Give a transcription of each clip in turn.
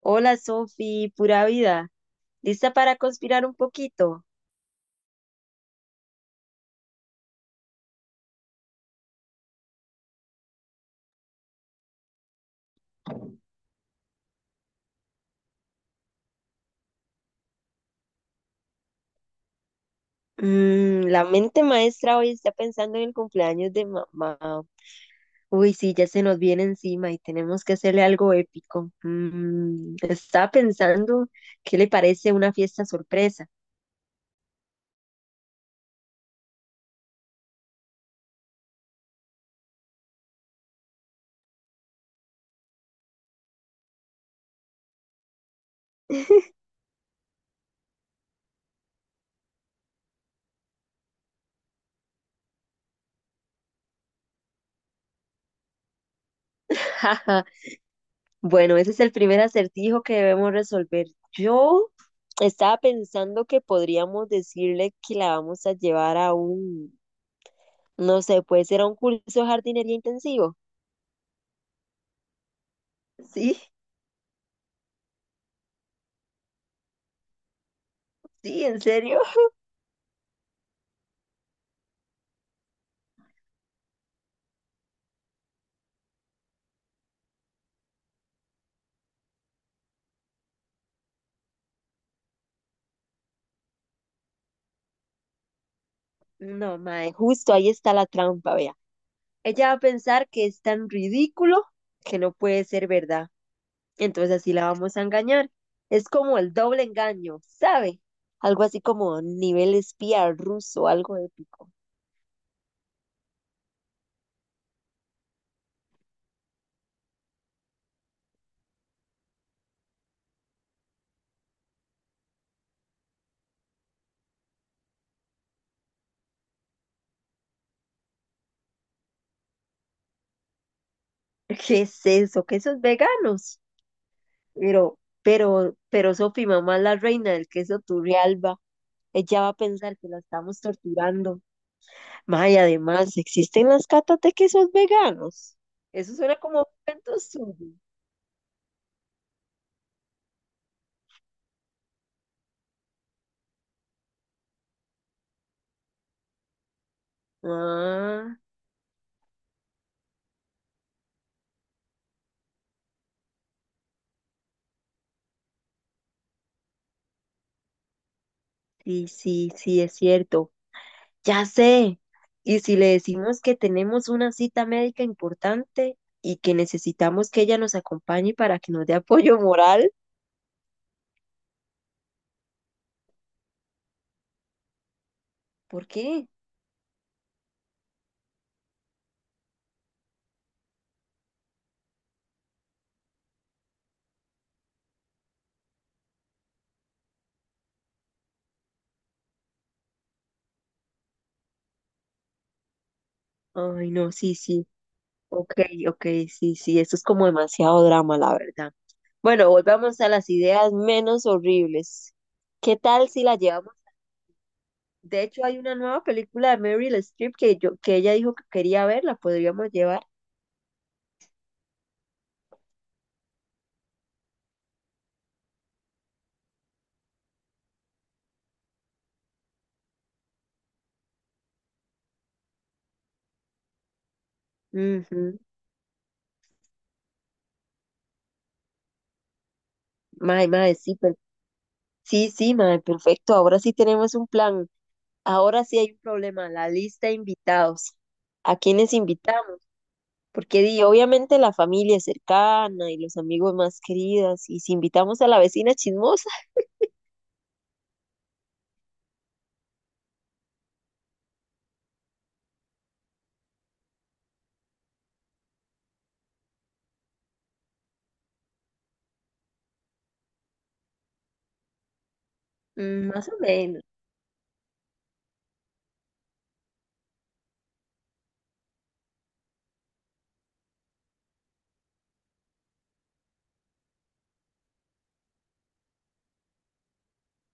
Hola Sofi, pura vida. ¿Lista para conspirar un poquito? La mente maestra hoy está pensando en el cumpleaños de mamá. Uy, sí, ya se nos viene encima y tenemos que hacerle algo épico. Está pensando, ¿qué le parece una fiesta sorpresa? Jaja, bueno, ese es el primer acertijo que debemos resolver. Yo estaba pensando que podríamos decirle que la vamos a llevar a un, no sé, puede ser a un curso de jardinería intensivo. Sí. Sí, ¿en serio? No, mae, justo ahí está la trampa, vea. Ella va a pensar que es tan ridículo que no puede ser verdad. Entonces así la vamos a engañar. Es como el doble engaño, ¿sabe? Algo así como nivel espía ruso, algo épico. ¿Qué es eso? ¿Quesos veganos? Pero, pero Sofi, mamá es la reina del queso Turrialba. Ella va a pensar que la estamos torturando. Ma, y además, ¿existen las catas de quesos veganos? Eso suena como un cuento suyo. Ah, sí, sí, sí, es cierto. Ya sé. Y si le decimos que tenemos una cita médica importante y que necesitamos que ella nos acompañe para que nos dé apoyo moral, ¿por qué? Ay, no, sí, sí. Ok, ok, sí, sí, esto es como demasiado drama, la verdad. Bueno, volvamos a las ideas menos horribles. ¿Qué tal si la llevamos? De hecho, hay una nueva película de Meryl Streep que que ella dijo que quería ver, la podríamos llevar. Ujú. Mae, sí, sí, mae, perfecto. Ahora sí tenemos un plan. Ahora sí hay un problema, la lista de invitados. ¿A quiénes invitamos? Porque di, obviamente la familia es cercana y los amigos más queridos. Y si invitamos a la vecina chismosa, mm, más o menos.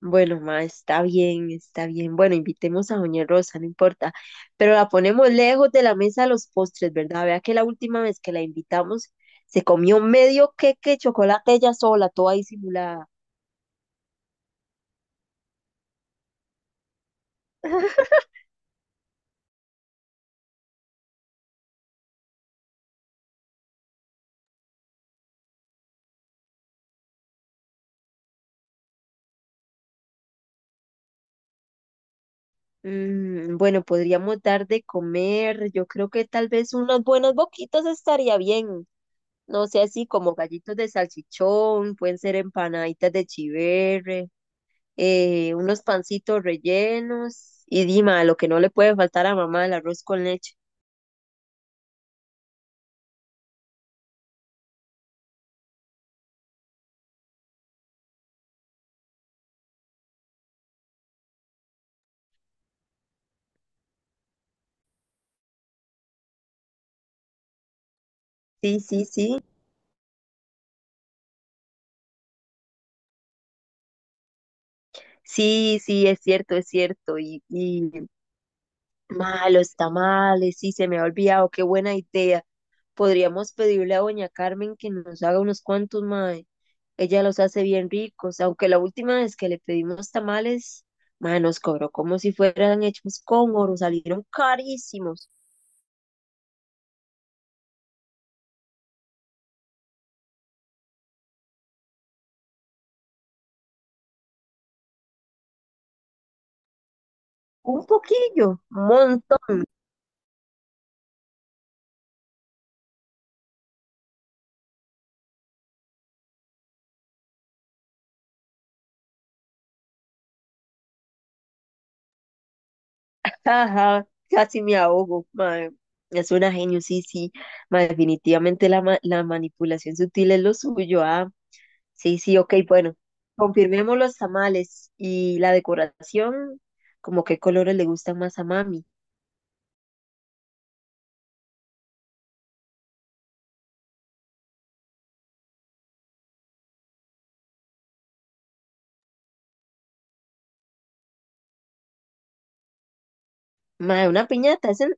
Bueno, ma, está bien, está bien. Bueno, invitemos a Doña Rosa, no importa. Pero la ponemos lejos de la mesa de los postres, ¿verdad? Vea que la última vez que la invitamos se comió medio queque de chocolate ella sola, toda disimulada. Bueno, podríamos dar de comer. Yo creo que tal vez unas buenas boquitas estaría bien. No sé, así como gallitos de salchichón, pueden ser empanaditas de chiverre. Unos pancitos rellenos y Dima, lo que no le puede faltar a mamá, el arroz con leche. Sí, sí, sí, sí, sí, es cierto, es cierto. Y ma, los tamales, sí, se me ha olvidado, qué buena idea. Podríamos pedirle a doña Carmen que nos haga unos cuantos, mae. Ella los hace bien ricos, aunque la última vez que le pedimos tamales, mae, nos cobró como si fueran hechos con oro, salieron carísimos. Un poquillo, un ajá, casi me ahogo, mae. Es una genio, sí, sí. Mae, definitivamente la manipulación sutil es lo suyo. Ah, sí, sí, ok, bueno. Confirmemos los tamales y la decoración, como qué colores le gustan más a mami. Mae, una piñata, es en...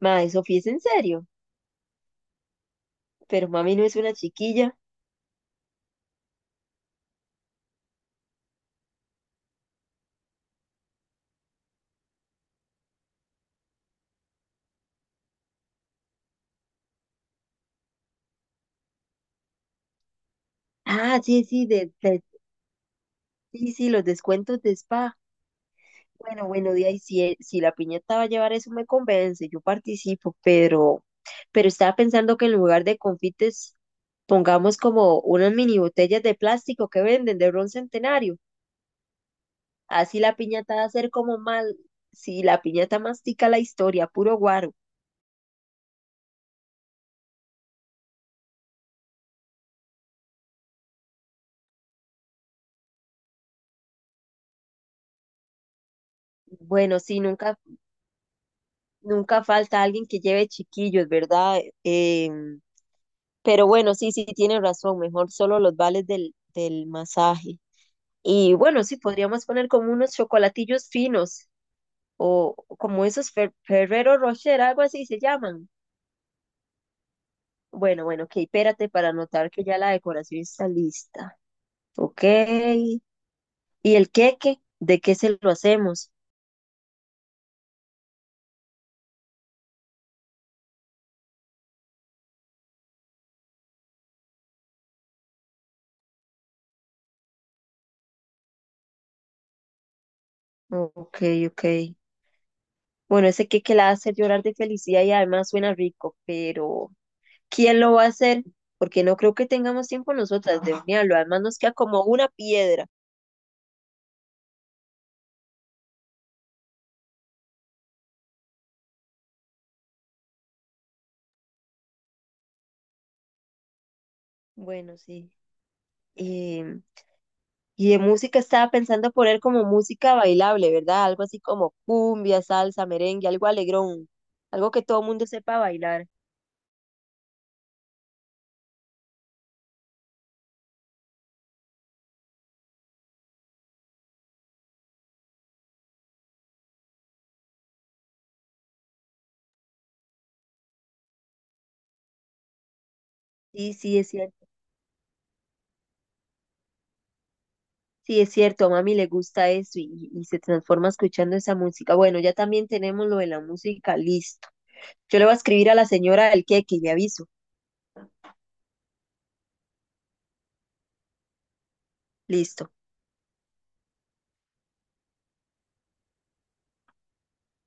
Mae, Sofía, es en serio. Pero mami no es una chiquilla. Ah, sí, sí, sí, sí, los descuentos de spa. Bueno, bueno, de ahí si, si la piñata va a llevar eso me convence, yo participo, pero estaba pensando que en lugar de confites pongamos como unas mini botellas de plástico que venden de ron centenario. Así la piñata va a ser como mal, si la piñata mastica la historia, puro guaro. Bueno, sí, nunca, nunca falta alguien que lleve chiquillos, ¿verdad? Em, pero bueno, sí, sí, tiene razón, mejor solo los vales del masaje. Y bueno, sí, podríamos poner como unos chocolatillos finos o como esos Ferrero Rocher, algo así se llaman. Bueno, bueno, ok, espérate para notar que ya la decoración está lista. Ok. ¿Y el queque? ¿De qué se lo hacemos? Ok, ok. Bueno, ese queque la hace llorar de felicidad y además suena rico, pero ¿quién lo va a hacer? Porque no creo que tengamos tiempo nosotras de hornearlo. Además nos queda como una piedra. Bueno, sí. eh, y de música estaba pensando poner como música bailable, ¿verdad? Algo así como cumbia, salsa, merengue, algo alegrón, algo que todo el mundo sepa bailar. Sí, sí, es cierto. Sí, es cierto, a mami le gusta eso y se transforma escuchando esa música. Bueno, ya también tenemos lo de la música, listo. Yo le voy a escribir a la señora del queque y le aviso. Listo.